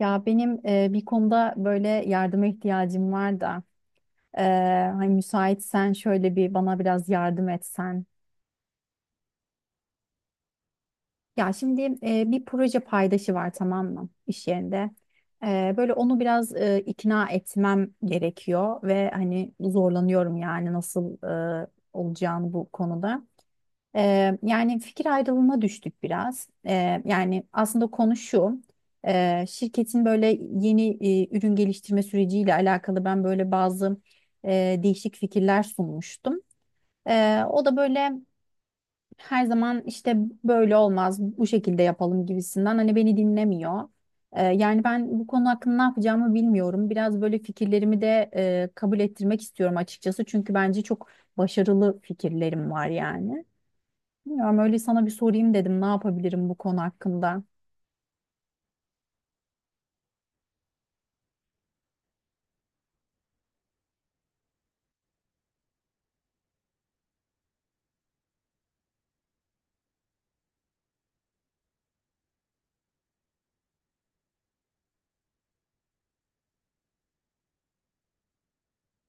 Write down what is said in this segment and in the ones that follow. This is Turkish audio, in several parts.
Ya benim bir konuda böyle yardıma ihtiyacım var da e, hani müsaitsen şöyle bir bana biraz yardım etsen. Ya şimdi bir proje paydaşı var, tamam mı, iş yerinde. Böyle onu biraz ikna etmem gerekiyor ve hani zorlanıyorum yani nasıl e, olacağını bu konuda. Yani fikir ayrılığına düştük biraz. Yani aslında konu şu. Şirketin böyle yeni ürün geliştirme süreciyle alakalı ben böyle bazı değişik fikirler sunmuştum. O da böyle her zaman işte böyle olmaz, bu şekilde yapalım gibisinden hani beni dinlemiyor. Yani ben bu konu hakkında ne yapacağımı bilmiyorum. Biraz böyle fikirlerimi de kabul ettirmek istiyorum açıkçası. Çünkü bence çok başarılı fikirlerim var yani. Bilmiyorum, öyle sana bir sorayım dedim, ne yapabilirim bu konu hakkında.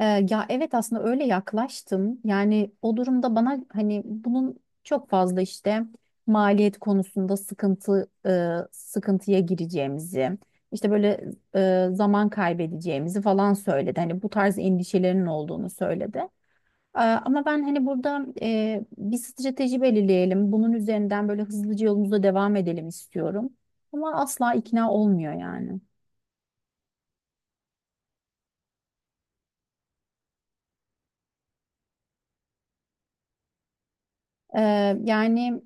Ee, ya evet, aslında öyle yaklaştım. Yani o durumda bana hani bunun çok fazla işte maliyet konusunda sıkıntıya gireceğimizi, işte böyle zaman kaybedeceğimizi falan söyledi. Hani bu tarz endişelerinin olduğunu söyledi. Ama ben hani burada bir strateji belirleyelim. Bunun üzerinden böyle hızlıca yolumuza devam edelim istiyorum. Ama asla ikna olmuyor yani. Yani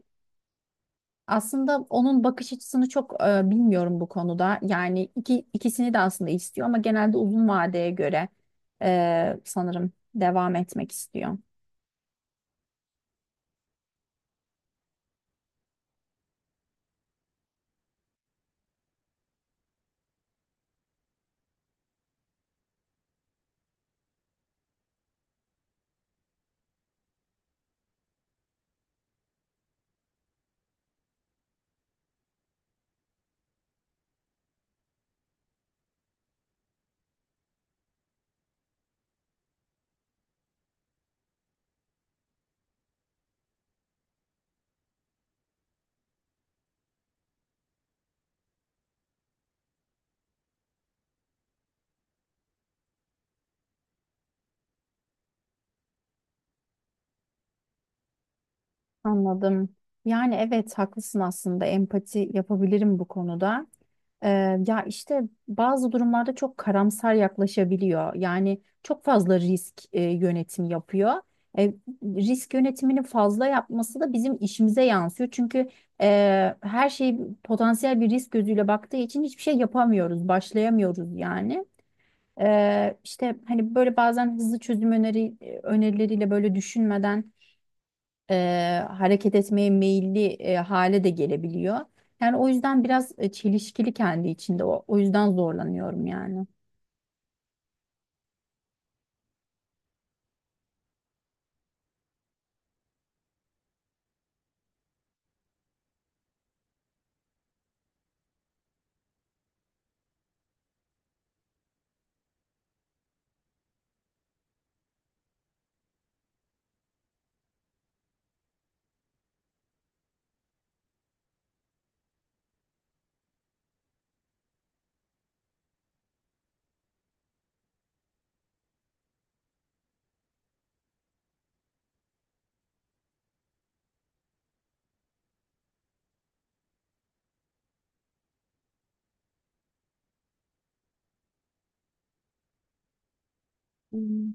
aslında onun bakış açısını çok bilmiyorum bu konuda. Yani ikisini de aslında istiyor ama genelde uzun vadeye göre sanırım devam etmek istiyor. Anladım. Yani evet, haklısın, aslında empati yapabilirim bu konuda. Ee, ya işte bazı durumlarda çok karamsar yaklaşabiliyor. Yani çok fazla risk yönetimi yapıyor. E, risk yönetimini fazla yapması da bizim işimize yansıyor. Çünkü her şey potansiyel bir risk gözüyle baktığı için hiçbir şey yapamıyoruz, başlayamıyoruz yani. İşte hani böyle bazen hızlı çözüm önerileriyle böyle düşünmeden e, hareket etmeye meyilli hale de gelebiliyor. Yani o yüzden biraz çelişkili kendi içinde. O yüzden zorlanıyorum yani. Hmm,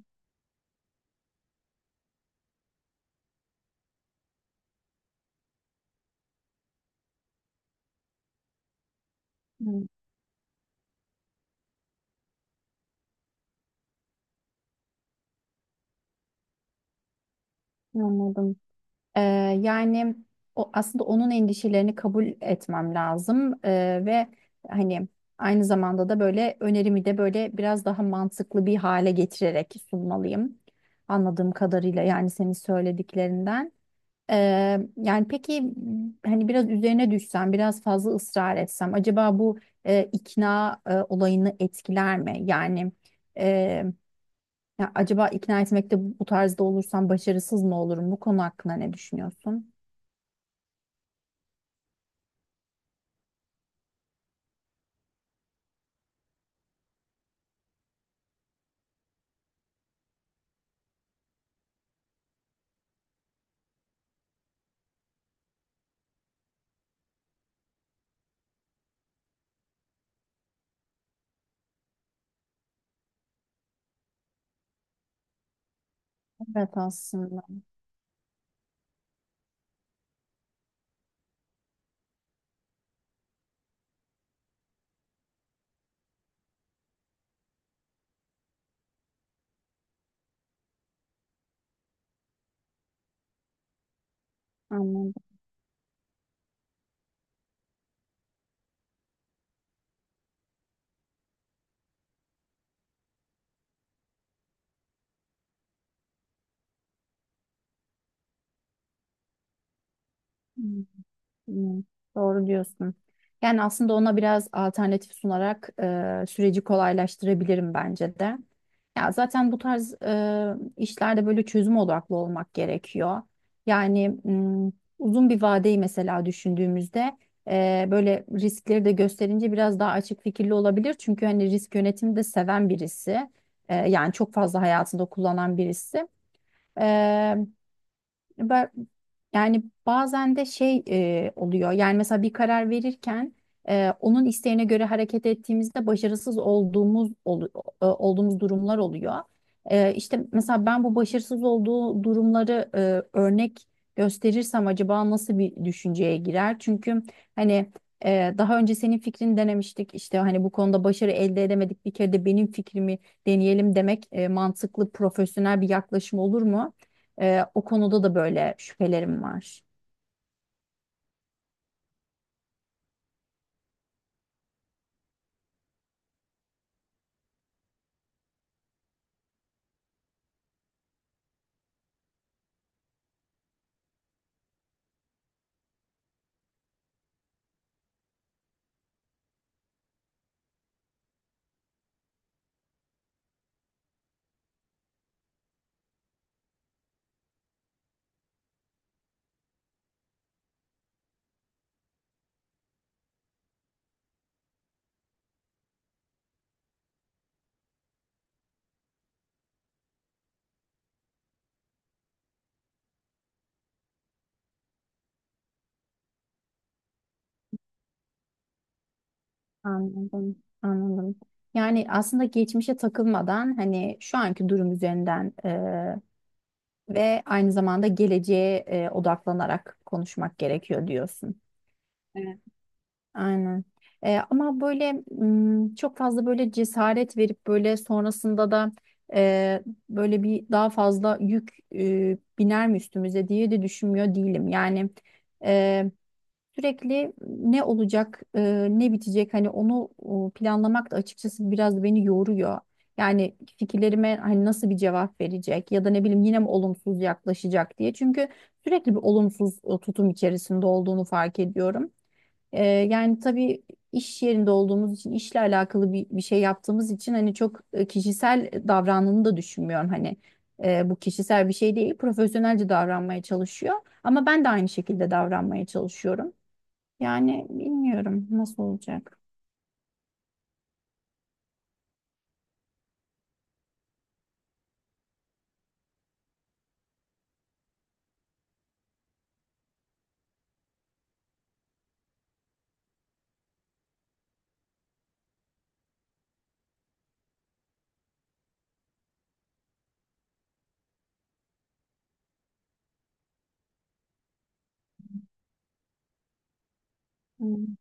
hmm, anladım. Ee, yani o aslında onun endişelerini kabul etmem lazım ve hani aynı zamanda da böyle önerimi de böyle biraz daha mantıklı bir hale getirerek sunmalıyım. Anladığım kadarıyla yani, senin söylediklerinden. Yani peki, hani biraz üzerine düşsem, biraz fazla ısrar etsem, acaba bu ikna olayını etkiler mi? Yani e, ya acaba ikna etmekte bu tarzda olursam başarısız mı olurum? Bu konu hakkında ne düşünüyorsun? Evet, aslında anladım. Hmm, doğru diyorsun. Yani aslında ona biraz alternatif sunarak süreci kolaylaştırabilirim bence de. Ya zaten bu tarz işlerde böyle çözüm odaklı olmak gerekiyor. Yani uzun bir vadeyi mesela düşündüğümüzde böyle riskleri de gösterince biraz daha açık fikirli olabilir. Çünkü hani risk yönetimi de seven birisi. Yani çok fazla hayatında kullanan birisi. Ben, yani bazen de şey oluyor. Yani mesela bir karar verirken onun isteğine göre hareket ettiğimizde başarısız olduğumuz durumlar oluyor. E, işte mesela ben bu başarısız olduğu durumları örnek gösterirsem acaba nasıl bir düşünceye girer? Çünkü hani daha önce senin fikrini denemiştik. İşte hani bu konuda başarı elde edemedik. Bir kere de benim fikrimi deneyelim demek mantıklı, profesyonel bir yaklaşım olur mu? O konuda da böyle şüphelerim var. Anladım, anladım. Yani aslında geçmişe takılmadan hani şu anki durum üzerinden ve aynı zamanda geleceğe odaklanarak konuşmak gerekiyor diyorsun. Evet. Aynen. Ama böyle çok fazla böyle cesaret verip böyle sonrasında da e, böyle bir daha fazla yük biner mi üstümüze diye de düşünmüyor değilim. Yani sürekli ne olacak, ne bitecek, hani onu planlamak da açıkçası biraz beni yoruyor. Yani fikirlerime hani nasıl bir cevap verecek ya da ne bileyim yine mi olumsuz yaklaşacak diye. Çünkü sürekli bir olumsuz tutum içerisinde olduğunu fark ediyorum. Yani tabii, iş yerinde olduğumuz için, işle alakalı bir şey yaptığımız için hani çok kişisel davrandığını da düşünmüyorum hani. Bu kişisel bir şey değil, profesyonelce davranmaya çalışıyor. Ama ben de aynı şekilde davranmaya çalışıyorum. Yani bilmiyorum nasıl olacak. Hmm,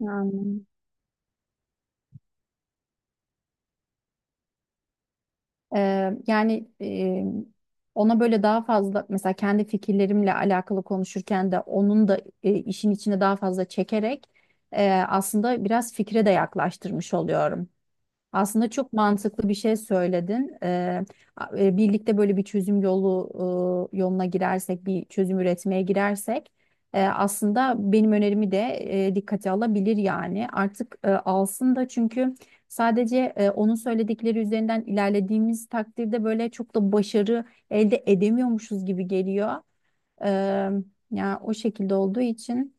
yani. Yani ona böyle daha fazla mesela kendi fikirlerimle alakalı konuşurken de onun da işin içine daha fazla çekerek aslında biraz fikre de yaklaştırmış oluyorum. Aslında çok mantıklı bir şey söyledin. Birlikte böyle bir çözüm yoluna girersek, bir çözüm üretmeye girersek, aslında benim önerimi de dikkate alabilir yani. Artık alsın da, çünkü sadece onun söyledikleri üzerinden ilerlediğimiz takdirde böyle çok da başarı elde edemiyormuşuz gibi geliyor. Eee Ya o şekilde olduğu için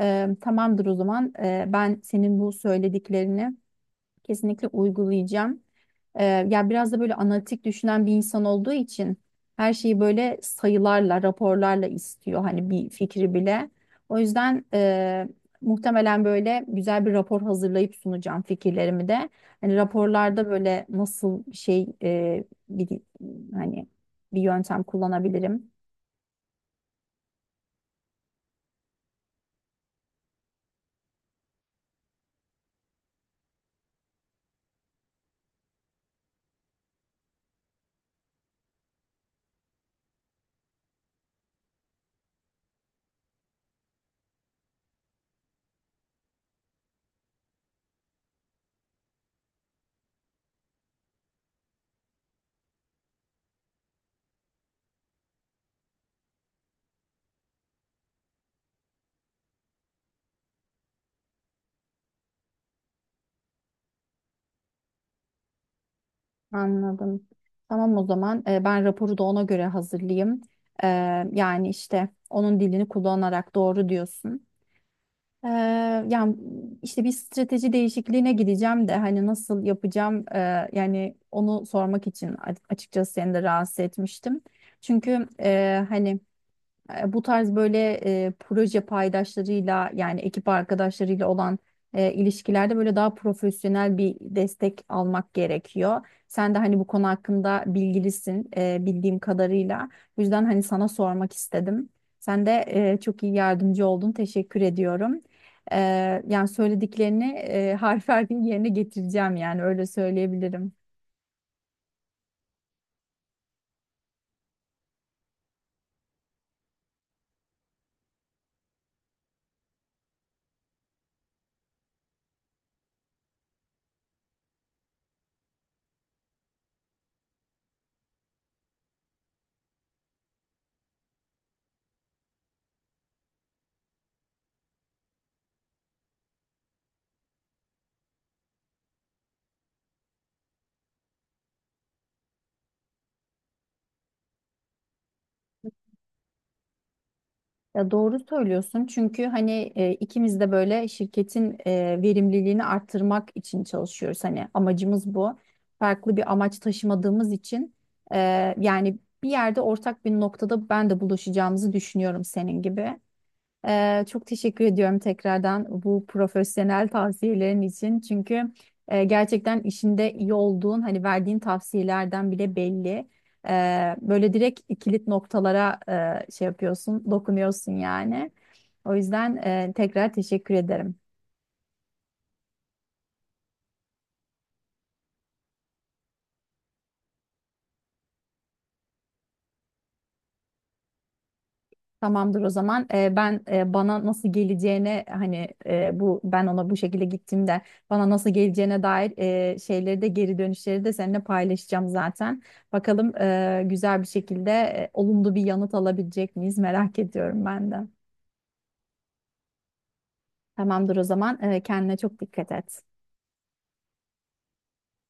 tamamdır o zaman, ben senin bu söylediklerini kesinlikle uygulayacağım. Ya biraz da böyle analitik düşünen bir insan olduğu için her şeyi böyle sayılarla, raporlarla istiyor. Hani bir fikri bile. O yüzden muhtemelen böyle güzel bir rapor hazırlayıp sunacağım fikirlerimi de. Hani raporlarda böyle nasıl bir şey bir hani bir yöntem kullanabilirim. Anladım. Tamam, o zaman ben raporu da ona göre hazırlayayım. Ee, yani işte onun dilini kullanarak, doğru diyorsun. Ee, yani işte bir strateji değişikliğine gideceğim de hani nasıl yapacağım, yani onu sormak için açıkçası seni de rahatsız etmiştim. Çünkü hani bu tarz böyle proje paydaşlarıyla yani ekip arkadaşlarıyla olan ilişkilerde böyle daha profesyonel bir destek almak gerekiyor. Sen de hani bu konu hakkında bilgilisin bildiğim kadarıyla. Bu yüzden hani sana sormak istedim. Sen de çok iyi yardımcı oldun. Teşekkür ediyorum. E, yani söylediklerini harf harfin yerine getireceğim yani, öyle söyleyebilirim. Ya doğru söylüyorsun, çünkü hani ikimiz de böyle şirketin verimliliğini arttırmak için çalışıyoruz. Hani amacımız bu. Farklı bir amaç taşımadığımız için e, yani bir yerde ortak bir noktada ben de buluşacağımızı düşünüyorum senin gibi. Çok teşekkür ediyorum tekrardan bu profesyonel tavsiyelerin için. Çünkü gerçekten işinde iyi olduğun, hani verdiğin tavsiyelerden bile belli. Böyle direkt kilit noktalara şey yapıyorsun, dokunuyorsun yani. O yüzden tekrar teşekkür ederim. Tamamdır o zaman. Bana nasıl geleceğine hani, bu ben ona bu şekilde gittiğimde bana nasıl geleceğine dair şeyleri de, geri dönüşleri de seninle paylaşacağım zaten. Bakalım, güzel bir şekilde olumlu bir yanıt alabilecek miyiz, merak ediyorum ben de. Tamamdır o zaman. Kendine çok dikkat et.